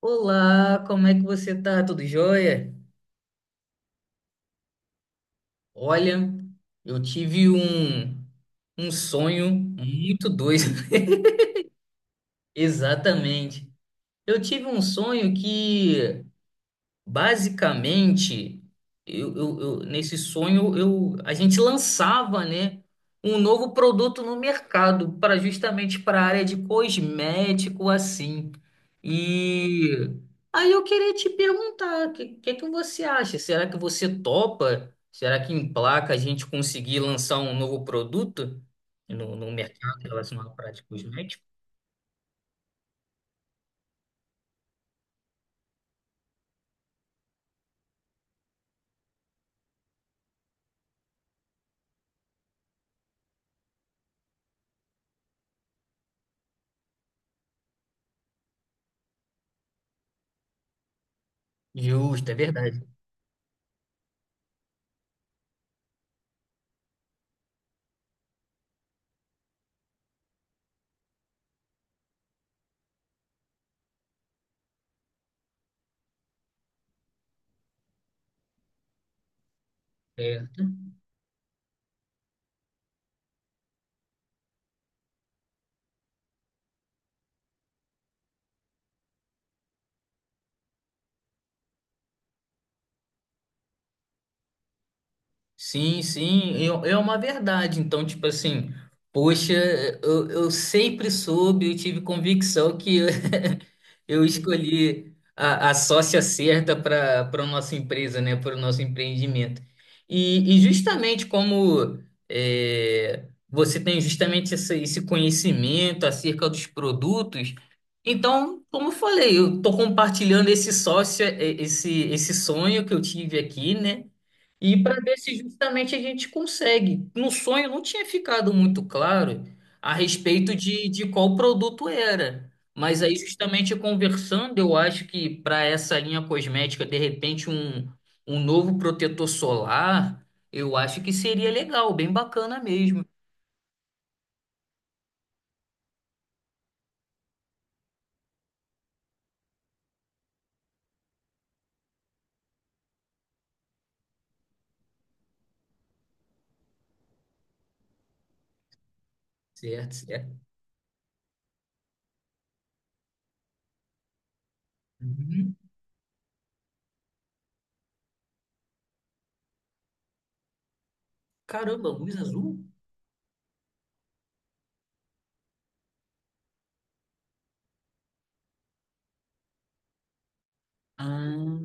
Olá, como é que você tá? Tudo jóia? Olha, eu tive um sonho muito doido. Exatamente. Eu tive um sonho que Basicamente, eu nesse sonho a gente lançava, né, um novo produto no mercado para justamente para a área de cosmético assim. E aí eu queria te perguntar, o que, que é que você acha? Será que você topa? Será que em placa a gente conseguir lançar um novo produto no mercado relacionado à prática de cosmético? Justo, é verdade. É. Sim, sim, é uma verdade. Então, tipo assim, poxa, eu sempre soube, eu tive convicção que eu eu escolhi a sócia certa para a nossa empresa, né, para o nosso empreendimento. E justamente como é, você tem justamente esse conhecimento acerca dos produtos, então, como eu falei, eu estou compartilhando esse sócio, é, esse sonho que eu tive aqui, né? E para ver se justamente a gente consegue. No sonho não tinha ficado muito claro a respeito de qual produto era. Mas aí, justamente conversando, eu acho que para essa linha cosmética, de repente, um novo protetor solar, eu acho que seria legal, bem bacana mesmo. Certo, certo. Uhum. Caramba, luz azul? Ah,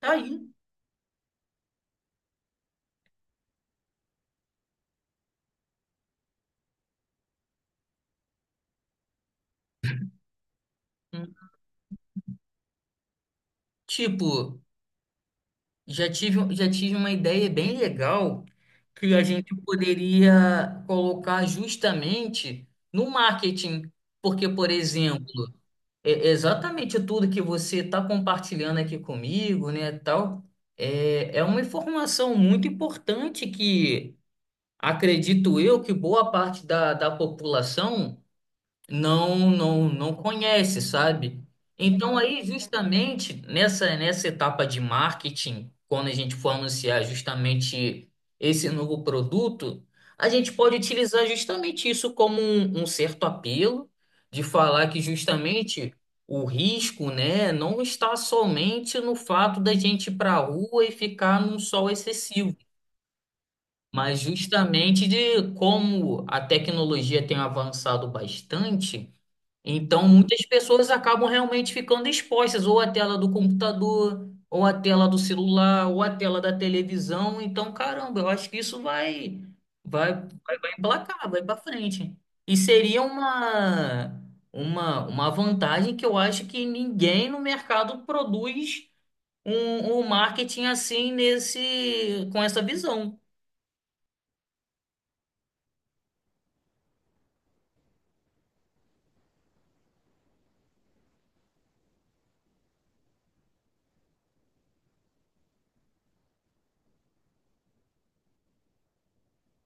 tá aí. Hum. Tipo, já tive uma ideia bem legal que a gente poderia colocar justamente no marketing. Porque, por exemplo, exatamente tudo que você está compartilhando aqui comigo, né, tal, é uma informação muito importante que acredito eu que boa parte da população não conhece, sabe? Então aí justamente nessa etapa de marketing, quando a gente for anunciar justamente esse novo produto, a gente pode utilizar justamente isso como um certo apelo de falar que justamente o risco, né, não está somente no fato da gente ir para a rua e ficar num sol excessivo. Mas justamente de como a tecnologia tem avançado bastante, então, muitas pessoas acabam realmente ficando expostas ou à tela do computador, ou à tela do celular, ou à tela da televisão. Então, caramba, eu acho que isso vai vai emplacar, vai para frente. E seria uma vantagem que eu acho que ninguém no mercado produz um marketing assim nesse com essa visão.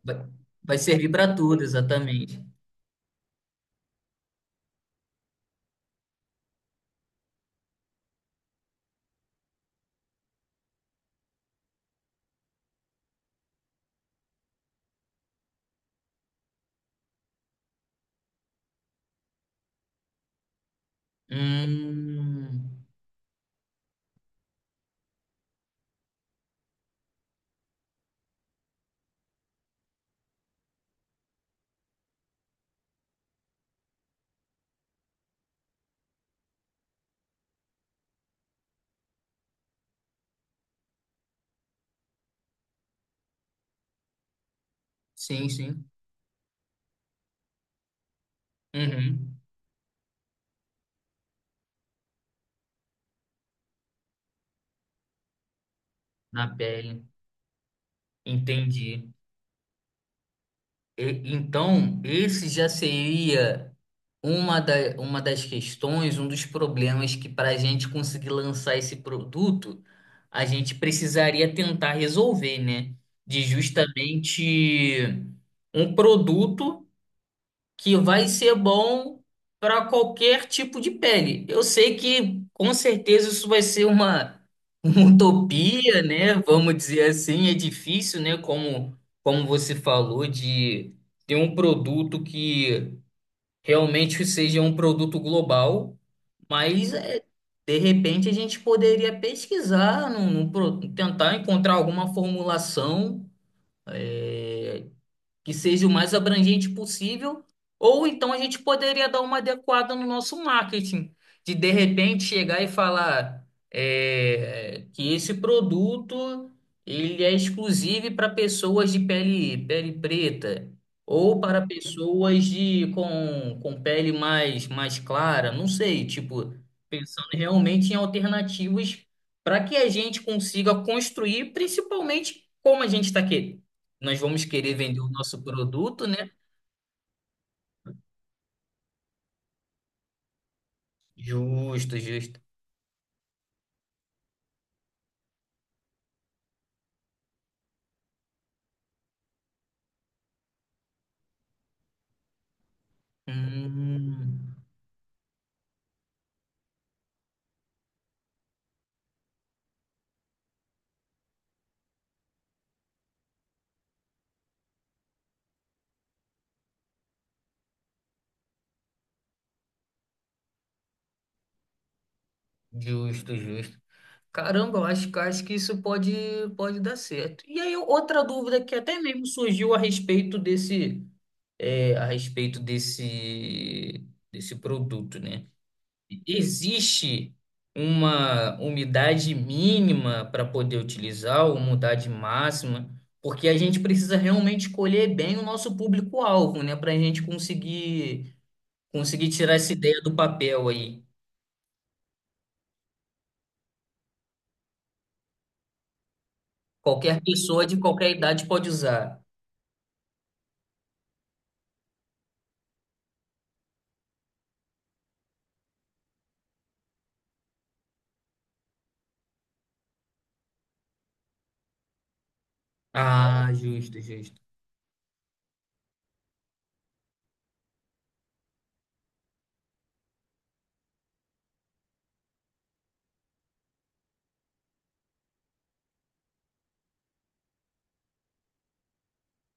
Vai, vai servir para tudo, exatamente. Hum, sim, sim. Uhum. Na pele. Entendi. Então, esse já seria uma, da, uma das questões, um dos problemas que para a gente conseguir lançar esse produto, a gente precisaria tentar resolver, né? De justamente um produto que vai ser bom para qualquer tipo de pele. Eu sei que com certeza isso vai ser uma utopia, né? Vamos dizer assim, é difícil, né? Como você falou, de ter um produto que realmente seja um produto global, mas de repente a gente poderia pesquisar, num tentar encontrar alguma formulação é, que seja o mais abrangente possível, ou então a gente poderia dar uma adequada no nosso marketing, de repente chegar e falar que esse produto ele é exclusivo para pessoas de pele preta ou para pessoas com pele mais clara, não sei, tipo, pensando realmente em alternativas para que a gente consiga construir, principalmente como a gente está nós vamos querer vender o nosso produto, né? Justo, justo. Hum, justo, justo. Caramba, eu acho que isso pode dar certo. E aí, outra dúvida que até mesmo surgiu a respeito desse produto, né? Existe uma umidade mínima para poder utilizar, ou umidade máxima, porque a gente precisa realmente escolher bem o nosso público-alvo, né? Para a gente conseguir tirar essa ideia do papel aí. Qualquer pessoa de qualquer idade pode usar. Ah, justo, justo.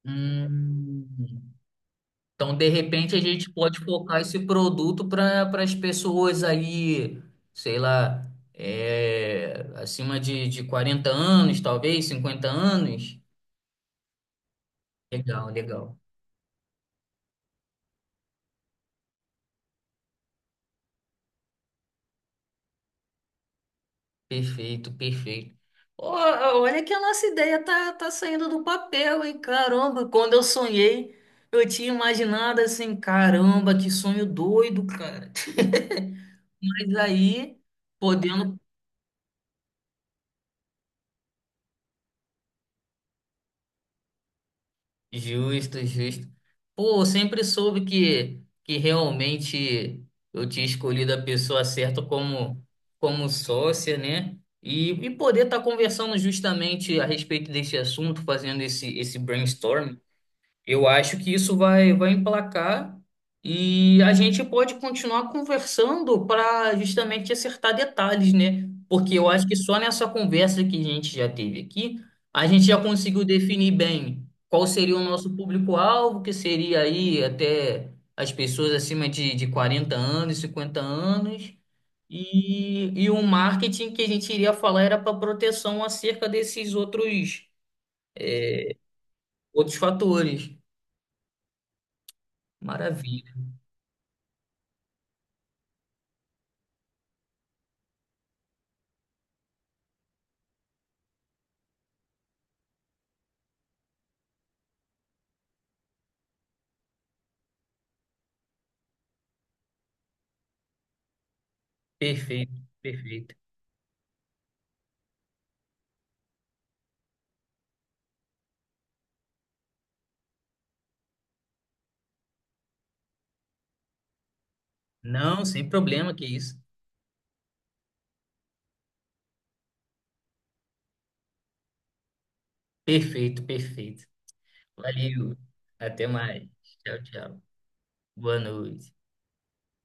Hum. Então, de repente, a gente pode focar esse produto para as pessoas aí, sei lá, acima de 40 anos, talvez, 50 anos. Legal, legal. Perfeito, perfeito. Ó, olha que a nossa ideia tá saindo do papel, hein? Caramba, quando eu sonhei, eu tinha imaginado assim, caramba, que sonho doido, cara. Mas aí, podendo. Justo, justo. Pô, eu sempre soube que realmente eu tinha escolhido a pessoa certa como sócia, né? E poder estar conversando justamente a respeito desse assunto, fazendo esse brainstorm eu acho que isso vai emplacar e a gente pode continuar conversando para justamente acertar detalhes, né? Porque eu acho que só nessa conversa que a gente já teve aqui, a gente já conseguiu definir bem qual seria o nosso público-alvo, que seria aí até as pessoas acima de 40 anos, 50 anos, e o marketing que a gente iria falar era para proteção acerca desses outros fatores. Maravilha. Perfeito, perfeito. Não, sem problema, que isso. Perfeito, perfeito. Valeu. Até mais. Tchau, tchau. Boa noite.